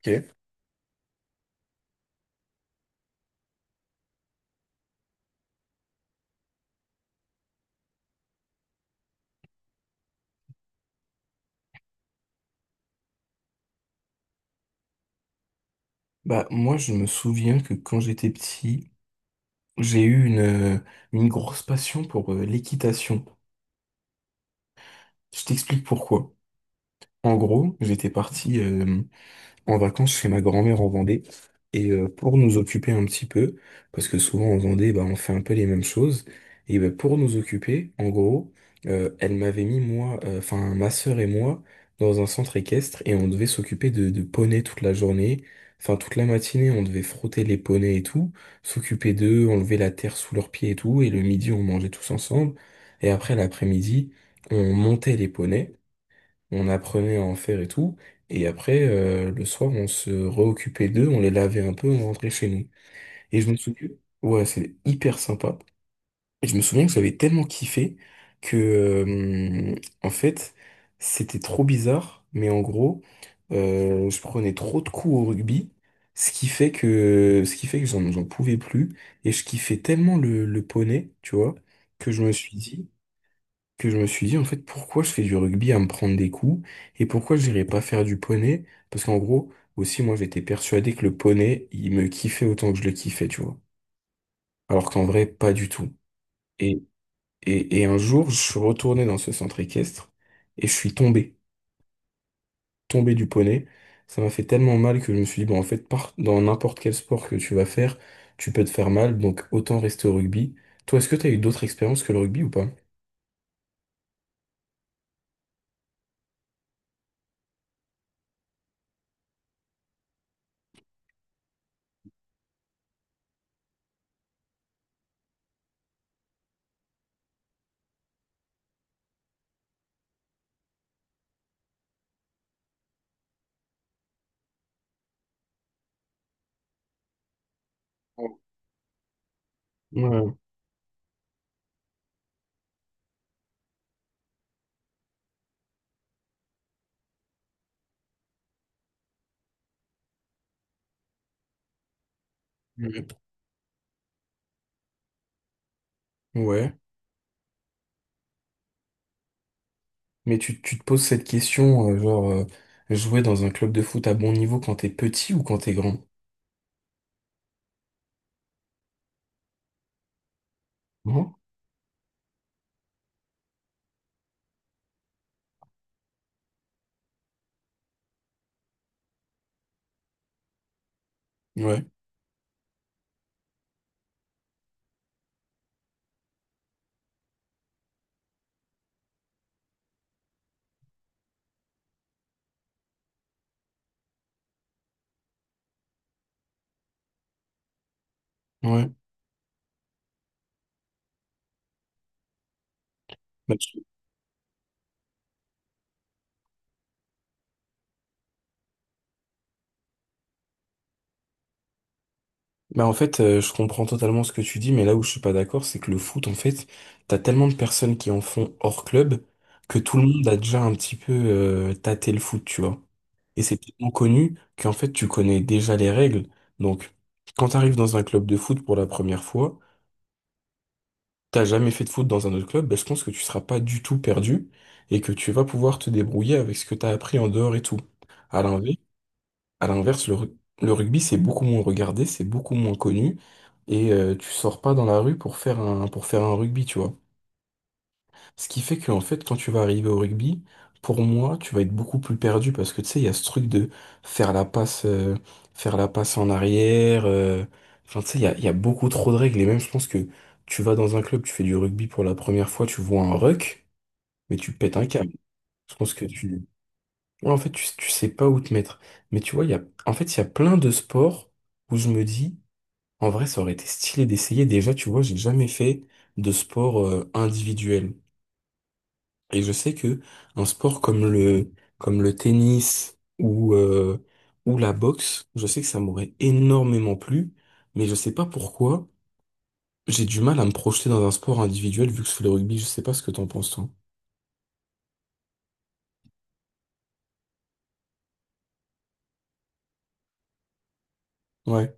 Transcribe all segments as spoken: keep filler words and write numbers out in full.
Ok. Bah, moi, je me souviens que quand j'étais petit, j'ai eu une, euh, une grosse passion pour euh, l'équitation. Je t'explique pourquoi. En gros, j'étais parti euh, en vacances chez ma grand-mère en Vendée. Et euh, pour nous occuper un petit peu, parce que souvent en Vendée, bah, on fait un peu les mêmes choses, et bah, pour nous occuper, en gros, euh, elle m'avait mis moi, euh, enfin ma sœur et moi, dans un centre équestre, et on devait s'occuper de, de poneys toute la journée. Enfin, toute la matinée, on devait frotter les poneys et tout, s'occuper d'eux, enlever la terre sous leurs pieds et tout, et le midi, on mangeait tous ensemble. Et après, l'après-midi, on montait les poneys, on apprenait à en faire et tout. Et après, euh, le soir, on se réoccupait d'eux, on les lavait un peu, on rentrait chez nous. Et je me souviens, ouais, c'est hyper sympa. Et je me souviens que j'avais tellement kiffé que, euh, en fait, c'était trop bizarre, mais en gros, euh, je prenais trop de coups au rugby, ce qui fait que, ce qui fait que j'en j'en pouvais plus. Et je kiffais tellement le, le poney, tu vois, que je me suis dit, que je me suis dit en fait pourquoi je fais du rugby à me prendre des coups, et pourquoi j'irais pas faire du poney, parce qu'en gros aussi moi j'étais persuadé que le poney il me kiffait autant que je le kiffais, tu vois, alors qu'en vrai pas du tout. Et et, et un jour je suis retourné dans ce centre équestre et je suis tombé tombé du poney. Ça m'a fait tellement mal que je me suis dit bon, en fait, par- dans n'importe quel sport que tu vas faire tu peux te faire mal, donc autant rester au rugby. Toi, est-ce que t'as eu d'autres expériences que le rugby ou pas? Oh. Ouais. Ouais. Mais tu, tu te poses cette question, euh, genre, euh, jouer dans un club de foot à bon niveau quand t'es petit ou quand t'es grand? Mhm. Ouais, ouais. Bah, je- Bah, en fait, euh, je comprends totalement ce que tu dis, mais là où je suis pas d'accord, c'est que le foot, en fait, t'as tellement de personnes qui en font hors club que tout le monde a déjà un petit peu euh, tâté le foot, tu vois. Et c'est tellement connu qu'en fait, tu connais déjà les règles. Donc, quand t'arrives dans un club de foot pour la première fois, t'as jamais fait de foot dans un autre club, ben je pense que tu seras pas du tout perdu et que tu vas pouvoir te débrouiller avec ce que t'as appris en dehors et tout. À l'inverse, à l'inverse, le, ru- le rugby, c'est beaucoup moins regardé, c'est beaucoup moins connu, et euh, tu sors pas dans la rue pour faire un, pour faire un rugby, tu vois. Ce qui fait qu'en fait, quand tu vas arriver au rugby, pour moi, tu vas être beaucoup plus perdu parce que tu sais, il y a ce truc de faire la passe, euh, faire la passe en arrière. euh, Enfin, tu sais, il y a, il y a beaucoup trop de règles. Et même, je pense que tu vas dans un club, tu fais du rugby pour la première fois, tu vois un ruck, mais tu pètes un câble. Je pense que tu. Ouais, en fait, tu, tu sais pas où te mettre. Mais tu vois, il y a, en fait, il y a plein de sports où je me dis, en vrai, ça aurait été stylé d'essayer. Déjà, tu vois, j'ai jamais fait de sport, euh, individuel. Et je sais que un sport comme le comme le tennis ou euh, ou la boxe, je sais que ça m'aurait énormément plu, mais je sais pas pourquoi j'ai du mal à me projeter dans un sport individuel vu que je fais le rugby. Je sais pas ce que t'en penses, toi. Ouais,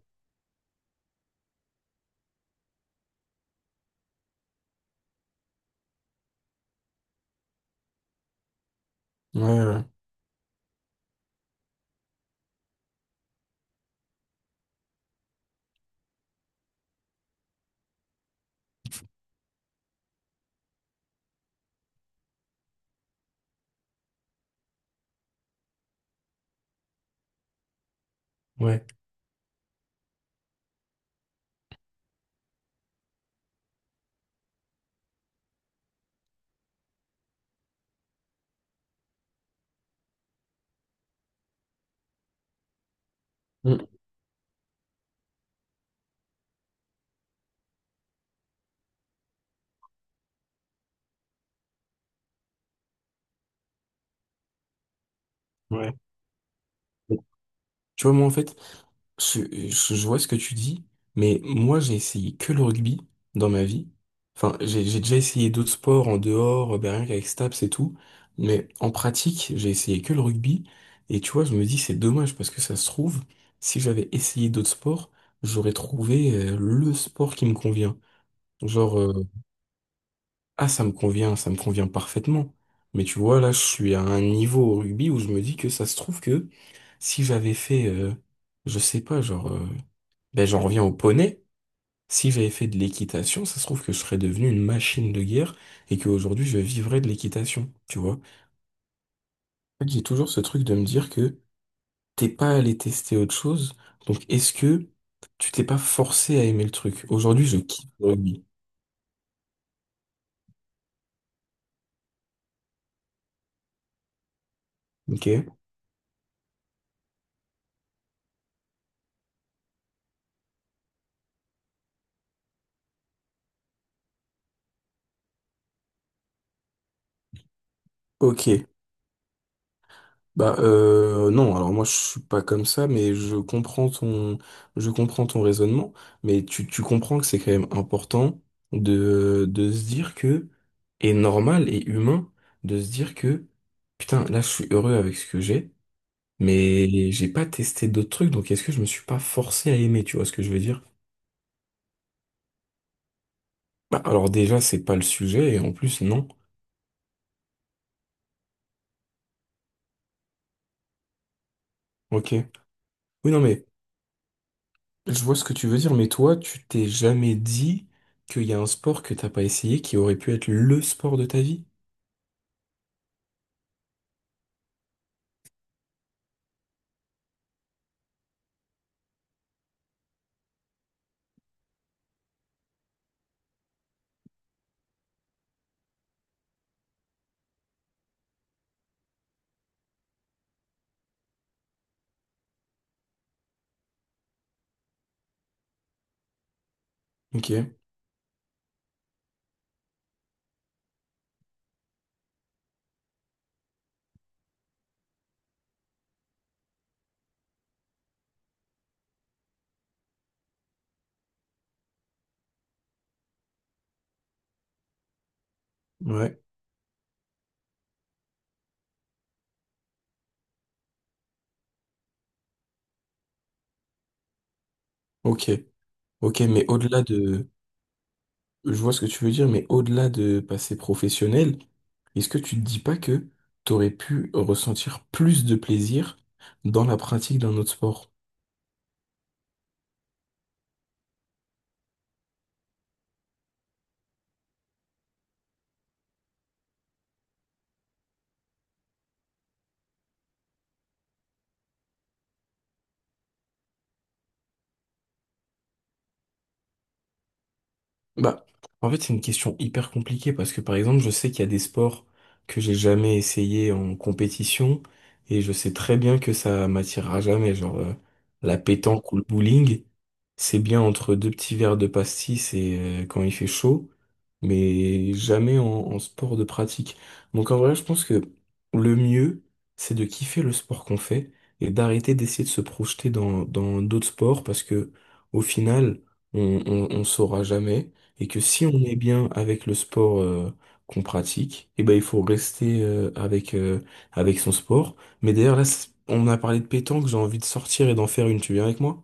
ouais, ouais, ouais. Mm. Ouais. Tu vois, moi, en fait. Je, je- je vois ce que tu dis, mais moi j'ai essayé que le rugby dans ma vie. Enfin, j'ai j'ai déjà essayé d'autres sports en dehors, ben rien qu'avec Staps et tout, mais en pratique, j'ai essayé que le rugby. Et tu vois, je me dis c'est dommage parce que ça se trouve, si j'avais essayé d'autres sports, j'aurais trouvé euh, le sport qui me convient. Genre, euh, ah, ça me convient, ça me convient parfaitement. Mais tu vois, là, je suis à un niveau au rugby où je me dis que ça se trouve que si j'avais fait, euh, je sais pas, genre. euh, ben, j'en reviens au poney. Si j'avais fait de l'équitation, ça se trouve que je serais devenu une machine de guerre et qu'aujourd'hui je vivrais de l'équitation, tu vois. En fait, J'ai toujours ce truc de me dire que t'es pas allé tester autre chose, donc est-ce que tu t'es pas forcé à aimer le truc? Aujourd'hui, je kiffe le rugby, ok? Ok. Bah, euh, non, alors moi je suis pas comme ça, mais je comprends ton, je comprends ton raisonnement, mais tu, tu comprends que c'est quand même important de, de se dire que, et normal et humain, de se dire que, putain, là je suis heureux avec ce que j'ai, mais j'ai pas testé d'autres trucs, donc est-ce que je me suis pas forcé à aimer, tu vois ce que je veux dire? Bah alors déjà c'est pas le sujet, et en plus non. Ok. Oui non mais. Je vois ce que tu veux dire, mais toi, tu t'es jamais dit qu'il y a un sport que t'as pas essayé qui aurait pu être le sport de ta vie? Ok, ouais, ok, ok, mais au-delà de, je vois ce que tu veux dire, mais au-delà de passer professionnel, est-ce que tu te dis pas que t'aurais pu ressentir plus de plaisir dans la pratique d'un autre sport? Bah, en fait, c'est une question hyper compliquée parce que par exemple, je sais qu'il y a des sports que j'ai jamais essayé en compétition et je sais très bien que ça m'attirera jamais. Genre, euh, la pétanque ou le bowling, c'est bien entre deux petits verres de pastis et euh, quand il fait chaud, mais jamais en, en, sport de pratique. Donc en vrai, je pense que le mieux, c'est de kiffer le sport qu'on fait et d'arrêter d'essayer de se projeter dans, dans d'autres sports parce que au final, on, on, on saura jamais, et que si on est bien avec le sport euh, qu'on pratique, et ben il faut rester euh, avec euh, avec son sport. Mais d'ailleurs là, c'est- on a parlé de pétanque, j'ai envie de sortir et d'en faire une. Tu viens avec moi?